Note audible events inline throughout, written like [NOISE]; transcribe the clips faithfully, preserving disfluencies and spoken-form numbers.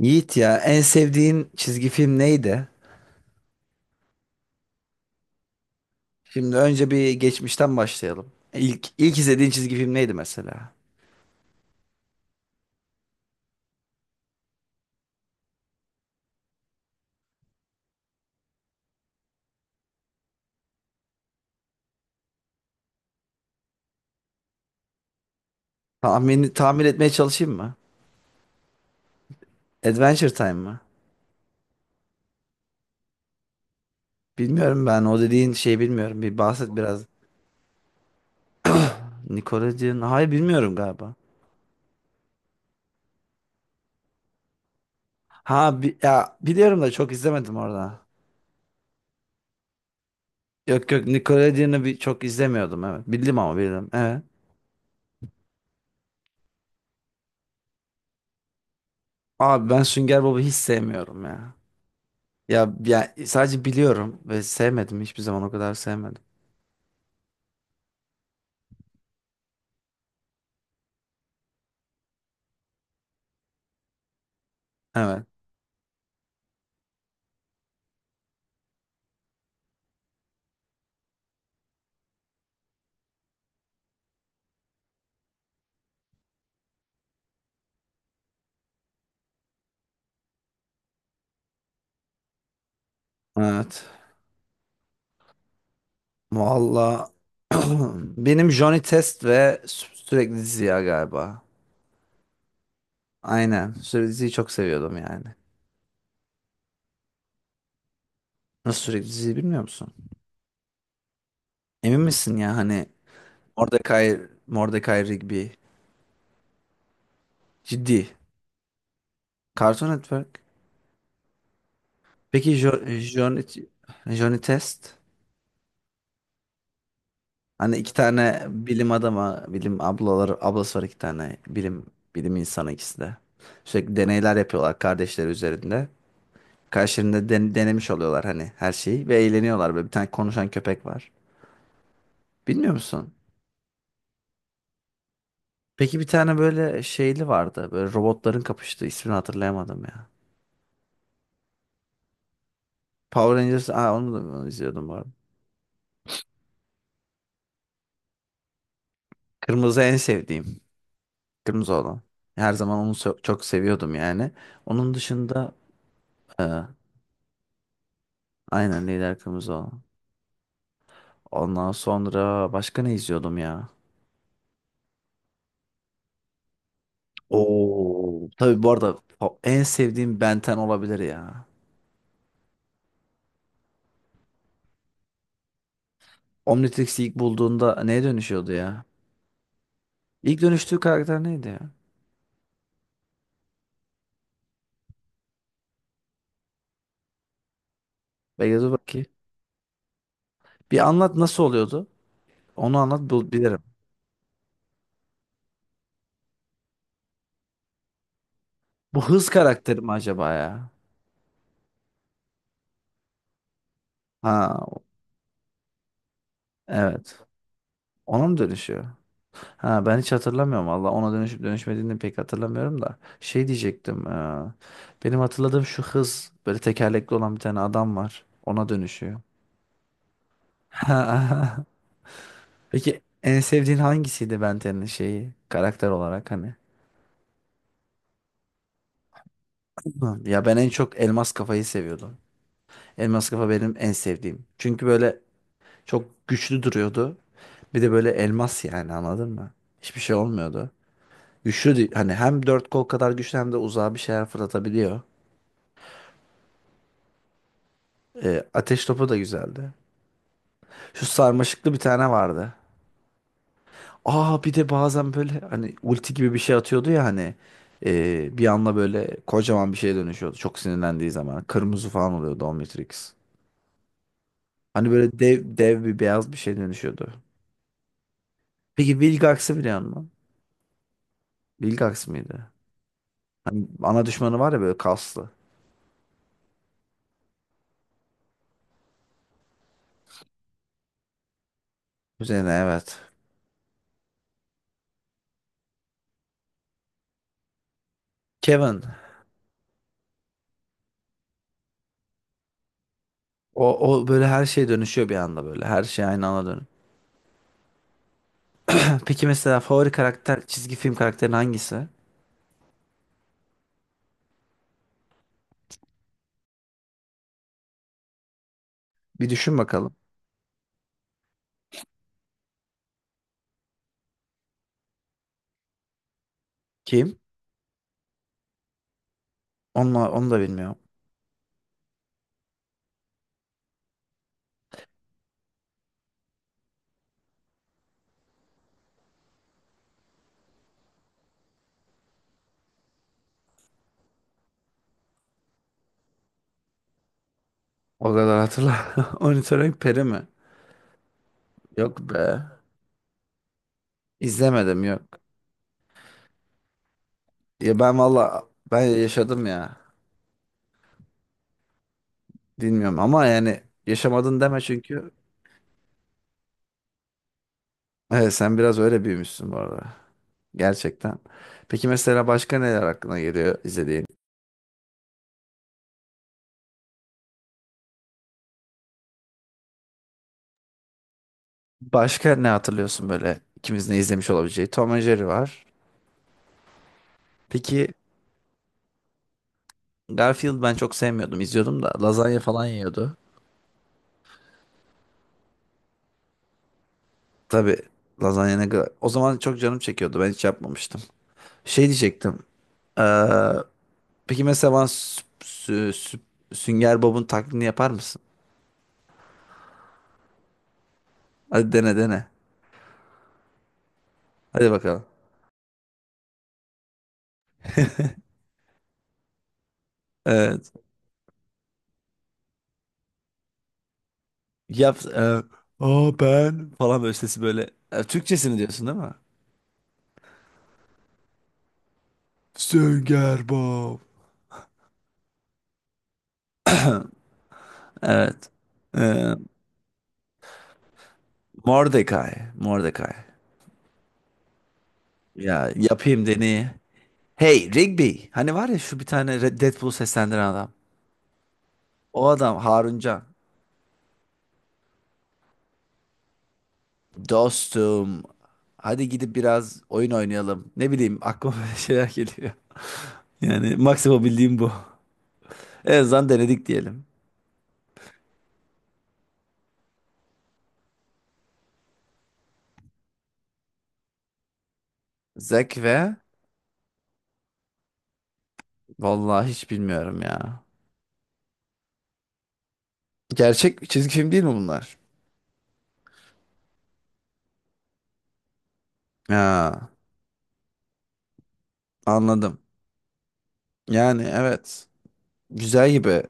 Yiğit ya en sevdiğin çizgi film neydi? Şimdi önce bir geçmişten başlayalım. İlk ilk izlediğin çizgi film neydi mesela? Tahmin tahmin etmeye çalışayım mı? Adventure Time mı? Bilmiyorum, ben o dediğin şeyi bilmiyorum. Bir bahset biraz. Nickelodeon. Hayır, bilmiyorum galiba. Ha, bi- ya biliyorum da çok izlemedim orada. Yok, yok, Nickelodeon'u bir çok izlemiyordum, evet. Bildim ama bildim. Evet. Abi, ben Sünger Bob'u hiç sevmiyorum ya. Ya, ya sadece biliyorum ve sevmedim, hiçbir zaman o kadar sevmedim. Evet. Evet. Valla, [CLEARS THROAT] benim Johnny Test ve sü- sürekli Ziya galiba. Aynen. Sürekli diziyi çok seviyordum yani. Nasıl, sürekli diziyi bilmiyor musun? Emin misin ya, hani Mordecai, Mordecai Rigby. Ciddi. Cartoon Network. Peki Jo- Johnny, Johnny Test? Hani iki tane bilim adama, bilim ablaları, ablası var, iki tane bilim bilim insanı ikisi de. Sürekli deneyler yapıyorlar kardeşleri üzerinde. Karşılarında den- denemiş oluyorlar hani her şeyi ve eğleniyorlar, böyle bir tane konuşan köpek var. Bilmiyor musun? Peki bir tane böyle şeyli vardı. Böyle robotların kapıştığı, ismini hatırlayamadım ya. Power Rangers, aa, onu da onu izliyordum bu arada. Kırmızı en sevdiğim. Kırmızı olan. Her zaman onu so- çok seviyordum yani. Onun dışında e, aynen lider kırmızı olan. Ondan sonra başka ne izliyordum ya? Oo, tabii bu arada o en sevdiğim Benten olabilir ya. Omnitrix'i ilk bulduğunda neye dönüşüyordu ya? İlk dönüştüğü karakter neydi ya? Beyazı bakayım. Bir anlat, nasıl oluyordu? Onu anlat, bul bilirim. Bu hız karakteri mi acaba ya? Ha, evet. Ona mı dönüşüyor? Ha, ben hiç hatırlamıyorum valla. Ona dönüşüp dönüşmediğini pek hatırlamıyorum da. Şey diyecektim. E, benim hatırladığım şu hız, böyle tekerlekli olan bir tane adam var. Ona dönüşüyor. [LAUGHS] Peki en sevdiğin hangisiydi Benten'in şeyi, karakter olarak hani? Hı, ya ben en çok elmas kafayı seviyordum. Elmas kafa benim en sevdiğim. Çünkü böyle çok güçlü duruyordu. Bir de böyle elmas, yani anladın mı? Hiçbir şey olmuyordu. Güçlü değil, hani hem dört kol kadar güçlü hem de uzağa bir şeyler fırlatabiliyor. E, ateş topu da güzeldi. Şu sarmaşıklı bir tane vardı. Aa, bir de bazen böyle hani ulti gibi bir şey atıyordu ya, hani e, bir anda böyle kocaman bir şeye dönüşüyordu. Çok sinirlendiği zaman. Kırmızı falan oluyordu Omnitrix. Hani böyle dev, dev bir beyaz bir şey dönüşüyordu. Peki Vilgax'ı biliyor musun? Vilgax mıydı? Hani ana düşmanı var ya, böyle kaslı. Üzerine, evet. Kevin. O, o böyle her şey dönüşüyor bir anda böyle. Her şey aynı ana dönüyor. [CLEARS THROAT] Peki mesela favori karakter, çizgi film karakterin hangisi? Bir düşün bakalım. Kim? Onu, onu da bilmiyorum. O kadar hatırla. [LAUGHS] Monitoring peri mi? Yok be. İzlemedim, yok. Ya ben valla, ben yaşadım ya. Bilmiyorum ama yani yaşamadın deme, çünkü. Evet, sen biraz öyle büyümüşsün bu arada. Gerçekten. Peki mesela başka neler aklına geliyor izlediğin? Başka ne hatırlıyorsun böyle, ikimiz ne izlemiş olabileceği? Tom and Jerry var. Peki Garfield ben çok sevmiyordum, izliyordum da lazanya falan yiyordu. Tabii, lazanya ne kadar... O zaman çok canım çekiyordu. Ben hiç yapmamıştım. Şey diyecektim. Ee, peki mesela bana sü- sü- sü- Sünger Bob'un taklidini yapar mısın? Hadi dene, dene. Hadi bakalım. Evet. Yap. E, o falan böyle, sesi böyle. E, Türkçesini diyorsun değil mi? Stop. Evet. E, Mordecai. Mordecai. Ya yapayım deneyi. Hey Rigby. Hani var ya şu bir tane, Red- Deadpool'u seslendiren adam. O adam Haruncan. Dostum. Hadi gidip biraz oyun oynayalım. Ne bileyim, aklıma [LAUGHS] böyle şeyler geliyor. Yani maksimum bildiğim bu. En azından denedik diyelim. Zack ve Vallahi hiç bilmiyorum ya. Gerçek çizgi film değil mi bunlar? Ha, anladım. Yani evet. Güzel gibi.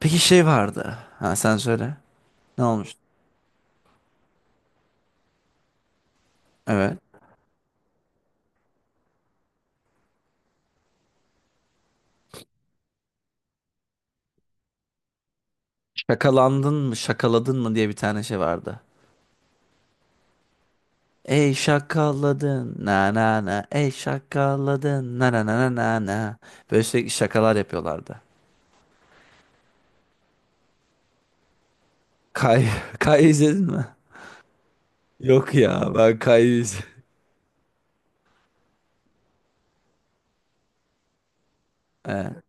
Peki şey vardı. Ha, sen söyle. Ne olmuş? Evet. Şakalandın mı, şakaladın mı diye bir tane şey vardı. Ey şakaladın na na na, ey şakaladın na na na na na na. Böyle sürekli şakalar yapıyorlardı. Kay, [LAUGHS] Kay izledin mi? Yok ya, ben Kay'ı iz- [LAUGHS] Evet,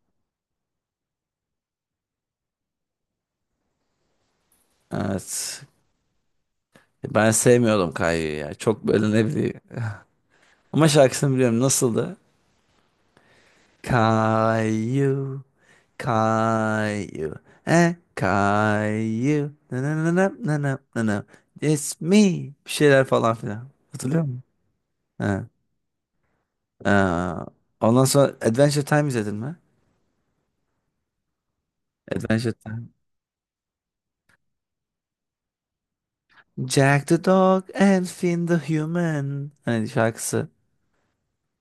evet. Ben sevmiyordum Kay'ı ya. Çok böyle, ne bileyim. [LAUGHS] Ama şarkısını biliyorum. Nasıldı? Kayu. Caillou. Eh, Caillou. Na na na na na na na na. It's me. Bir şeyler falan filan. Hatırlıyor musun? Ha. Ha. Ondan sonra Adventure Time izledin mi? Adventure Time. Jack the Dog and Finn the Human. Hani şarkısı.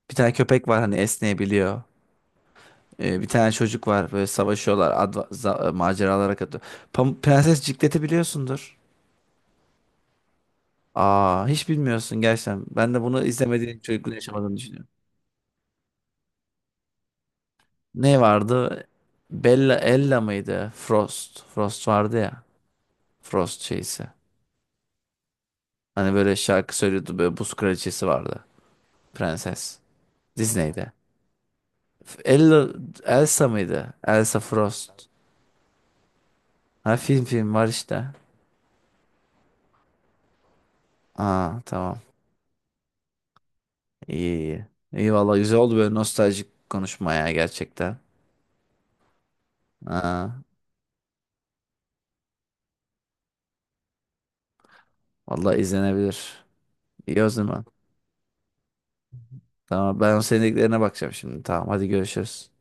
Bir tane köpek var hani, esneyebiliyor. Ee, bir tane çocuk var, böyle savaşıyorlar. Adva- za- e, maceralara katılıyor. Pam- Prenses Ciklet'i biliyorsundur. Aa, hiç bilmiyorsun gerçekten. Ben de bunu izlemediğim çocukluğunu yaşamadığını düşünüyorum. Ne vardı? Bella Ella mıydı? Frost. Frost vardı ya. Frost şeysi. Hani böyle şarkı söylüyordu, böyle buz kraliçesi vardı. Prenses. Disney'de. Ella Elsa mıydı? Elsa Frost. Ha, film, film var işte. Aa, tamam. İyi, iyi. İyi valla, güzel oldu böyle nostaljik konuşma ya, gerçekten. Aa, valla izlenebilir. İyi o zaman. Tamam, ben o sevdiklerine bakacağım şimdi. Tamam, hadi görüşürüz.